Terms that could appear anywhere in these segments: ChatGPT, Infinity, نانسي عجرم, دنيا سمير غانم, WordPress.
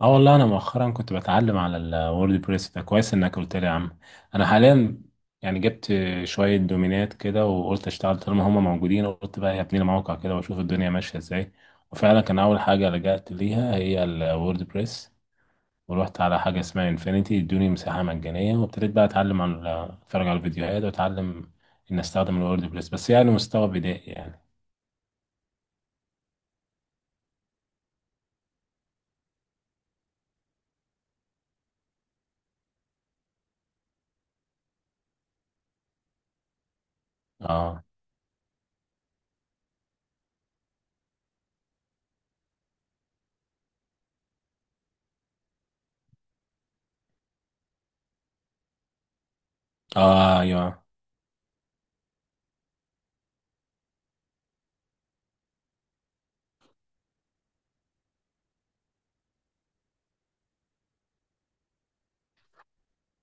اه، والله انا مؤخرا كنت بتعلم على الورد بريس ده، كويس انك قلت لي يا عم. انا حاليا يعني جبت شويه دومينات كده، وقلت اشتغل طالما هما موجودين. قلت بقى هبني لي موقع كده واشوف الدنيا ماشيه ازاي. وفعلا كان اول حاجه لجأت ليها هي الورد بريس. ورحت على حاجه اسمها انفينيتي، ادوني مساحه مجانيه وابتديت بقى اتعلم على اتفرج على الفيديوهات واتعلم ان استخدم الورد بريس، بس يعني مستوى بدائي يعني. اه، اه، ايوه.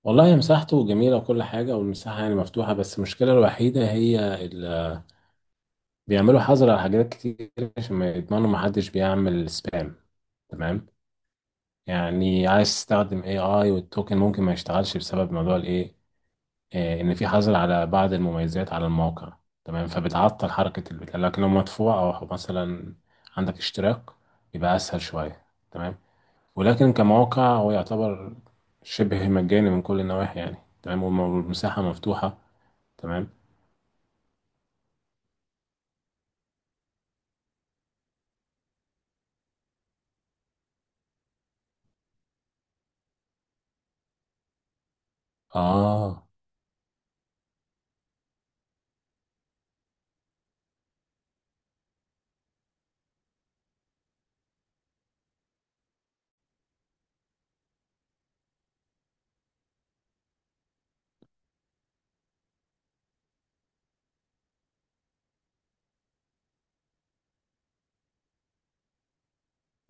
والله هي مساحته جميلة وكل حاجة، والمساحة يعني مفتوحة. بس المشكلة الوحيدة هي ال... بيعملوا حظر على حاجات كتير عشان ما يضمنوا محدش بيعمل سبام. تمام. يعني عايز تستخدم اي اي والتوكن ممكن ما يشتغلش بسبب موضوع الايه، ان في حظر على بعض المميزات على الموقع. تمام. فبتعطل حركة البتاع، لكن لو مدفوع او مثلا عندك اشتراك يبقى اسهل شوية. تمام. ولكن كموقع هو يعتبر شبه مجاني من كل النواحي يعني. تمام والمساحة مفتوحة. تمام. اه،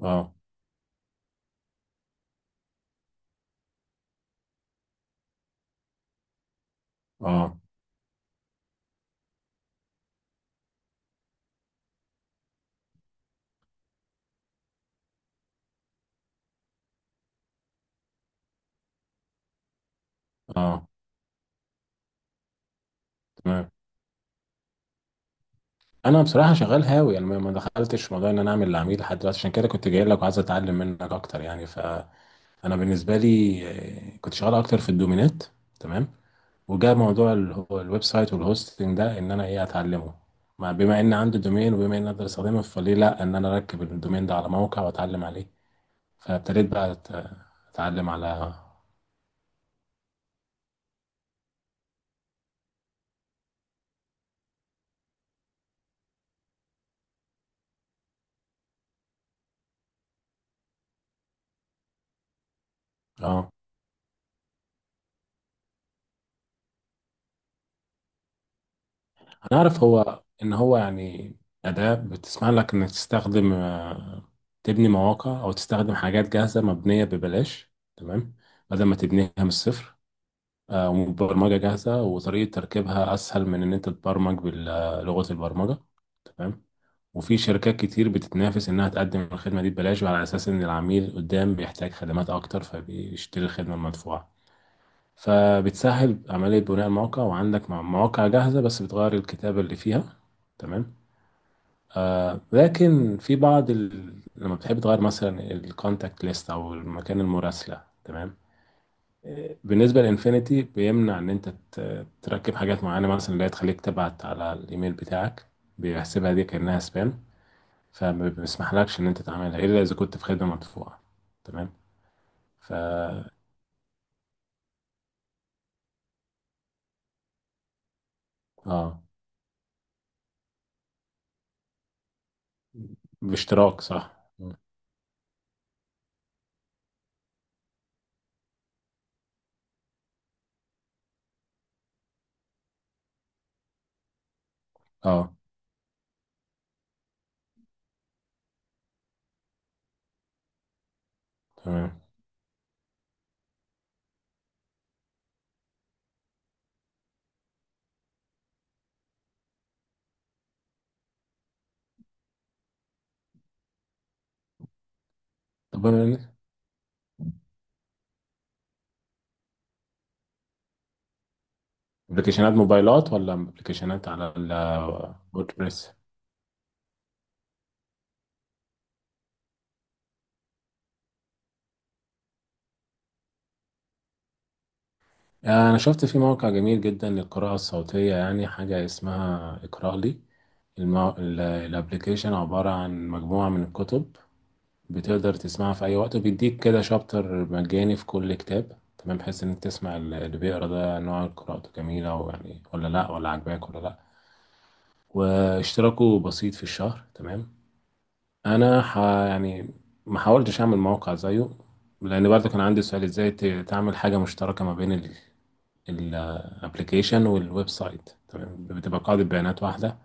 اه، اه، اه. تمام. انا بصراحه شغال هاوي يعني ما دخلتش في موضوع ان انا اعمل العميل لحد دلوقتي، عشان كده كنت جاي لك وعايز اتعلم منك اكتر يعني. فانا بالنسبه لي، كنت شغال اكتر في الدومينات. تمام. وجاء موضوع هو الويب سايت والهوستنج ده ان انا ايه اتعلمه. بما ان عندي دومين وبما ان اقدر استخدمه، فليه لا ان انا اركب الدومين ده على موقع واتعلم عليه. فابتديت بقى اتعلم على. اه، هنعرف هو ان هو يعني اداة بتسمح لك انك تستخدم، تبني مواقع او تستخدم حاجات جاهزة مبنية ببلاش. تمام. بدل ما تبنيها من الصفر. وبرمجة جاهزة، وطريقة تركيبها اسهل من ان انت تبرمج بلغة البرمجة. تمام. وفي شركات كتير بتتنافس انها تقدم الخدمة دي ببلاش، وعلى اساس ان العميل قدام بيحتاج خدمات اكتر فبيشتري الخدمة المدفوعة. فبتسهل عملية بناء الموقع، وعندك مواقع جاهزة بس بتغير الكتابة اللي فيها. تمام. لكن في بعض لما بتحب تغير مثلا الكونتاكت ليست او مكان المراسله. تمام. بالنسبه لانفينيتي، بيمنع ان انت تركب حاجات معينه مثلا اللي هي تخليك تبعت على الايميل بتاعك. بيحسبها دي كانها سبام. فما بيسمحلكش ان انت تعملها الا اذا كنت في خدمه مدفوعه. تمام. ف اه، باشتراك. صح. اه. تمام. طب، ابلكيشنات موبايلات ولا ابلكيشنات على الوردبريس؟ أنا شفت في موقع جميل جدا للقراءة الصوتية يعني، حاجة اسمها اقرأ لي. الابليكيشن عبارة عن مجموعة من الكتب. بتقدر تسمعها في أي وقت، وبيديك كده شابتر مجاني في كل كتاب. تمام. بحيث إنك تسمع اللي بيقرأ ده نوع قراءته جميلة ويعني، ولا لأ، ولا عجباك ولا لأ. واشتراكه بسيط في الشهر. تمام. أنا يعني ما حاولتش أعمل موقع زيه، لأن برضه كان عندي سؤال إزاي تعمل حاجة مشتركة ما بين الابلكيشن والويب سايت. تمام. بتبقى قاعدة بيانات واحدة،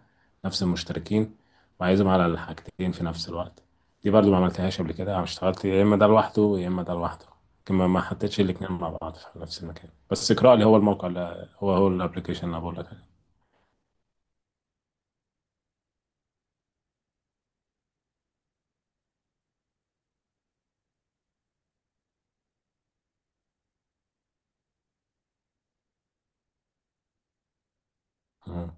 نفس المشتركين وعايزهم على الحاجتين في نفس الوقت. دي برضو ما عملتهاش قبل كده. انا اشتغلت يا اما ده لوحده، يا اما ده لوحده. لكن ما حطيتش الاتنين مع بعض في نفس المكان. بس اقرا لي هو الموقع، اللي هو هو الابلكيشن اللي أنا بقول لك عليه. مم.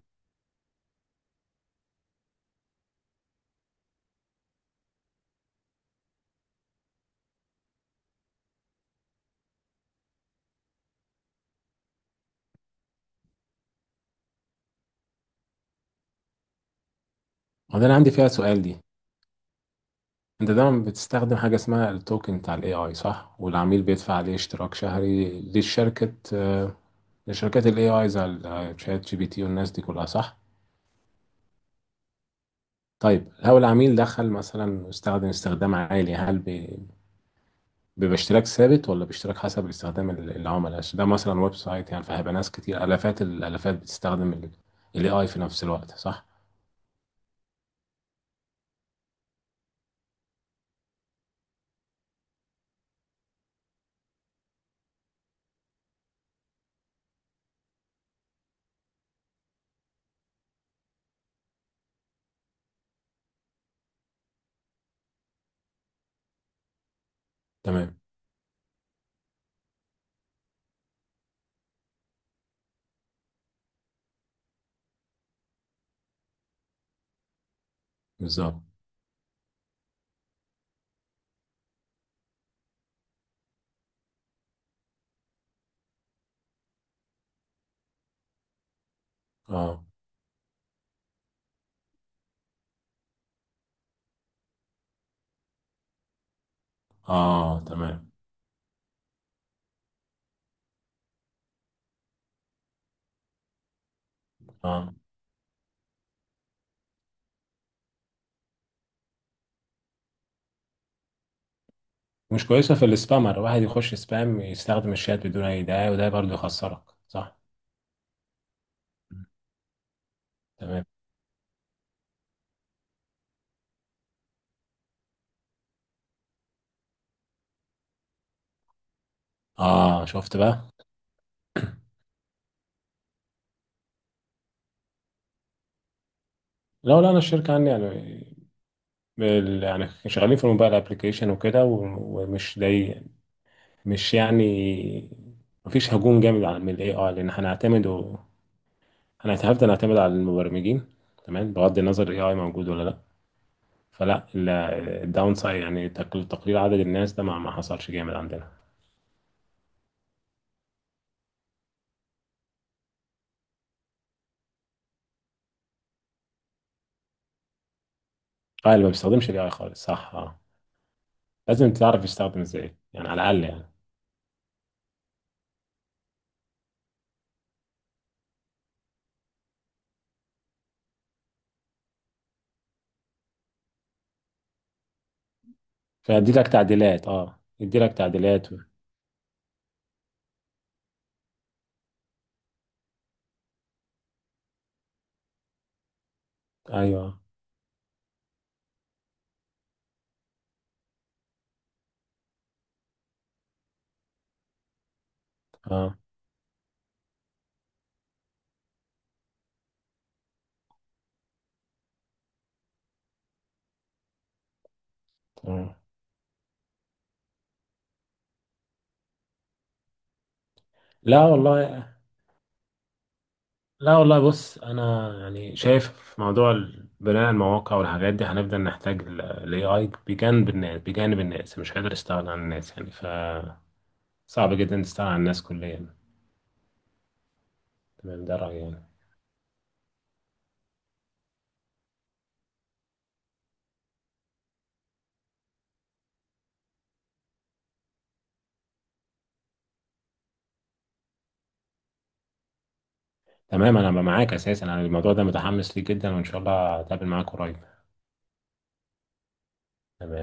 وده انا عندي فيها سؤال دي. انت دايما بتستخدم حاجه اسمها التوكن بتاع الاي اي، صح؟ والعميل بيدفع عليه اشتراك شهري للشركه، لشركات الاي اي زي الشات جي بي تي والناس دي كلها، صح؟ طيب، لو العميل دخل مثلا واستخدم استخدام عالي، هل بيبقى اشتراك ثابت ولا باشتراك حسب استخدام العملاء، عشان ده مثلا ويب سايت يعني، فهيبقى ناس كتير الافات الالافات بتستخدم الاي اي في نفس الوقت، صح؟ تمام. بالظبط. اه، اه. تمام. اه، مش كويسه في السبامر، واحد يخش سبام يستخدم الشات بدون اي داعي، وده برضه يخسرك. صح. تمام. اه، شفت بقى. لا، لا، انا الشركه عندي يعني، يعني شغالين في الموبايل ابلكيشن وكده ومش ضايق، مش يعني مفيش هجوم جامد على من الاي اي، لان هنعتمد و... هنعتمد هنعتمد على المبرمجين. تمام، بغض النظر الاي اي موجود ولا لا. فلا، الداون سايد يعني تقليل عدد الناس ده ما حصلش جامد عندنا. اه، اللي ما بيستخدمش الاي اي خالص، صح. اه، لازم تعرف يستخدم ازاي يعني، على الاقل يعني. فيدي لك تعديلات. اه، يدي لك تعديلات ايوه، اه، تمام. لا والله. لا والله، بص انا يعني شايف في موضوع بناء المواقع والحاجات دي، هنفضل نحتاج الاي اي بجانب الناس، بجانب الناس. مش قادر استغنى عن الناس يعني. صعب جدا تستغنى عن الناس كليا. تمام، ده رأيي يعني. تمام، انا معاك اساسا، انا الموضوع ده متحمس ليه جدا، وان شاء الله هتقابل معاك قريب. تمام.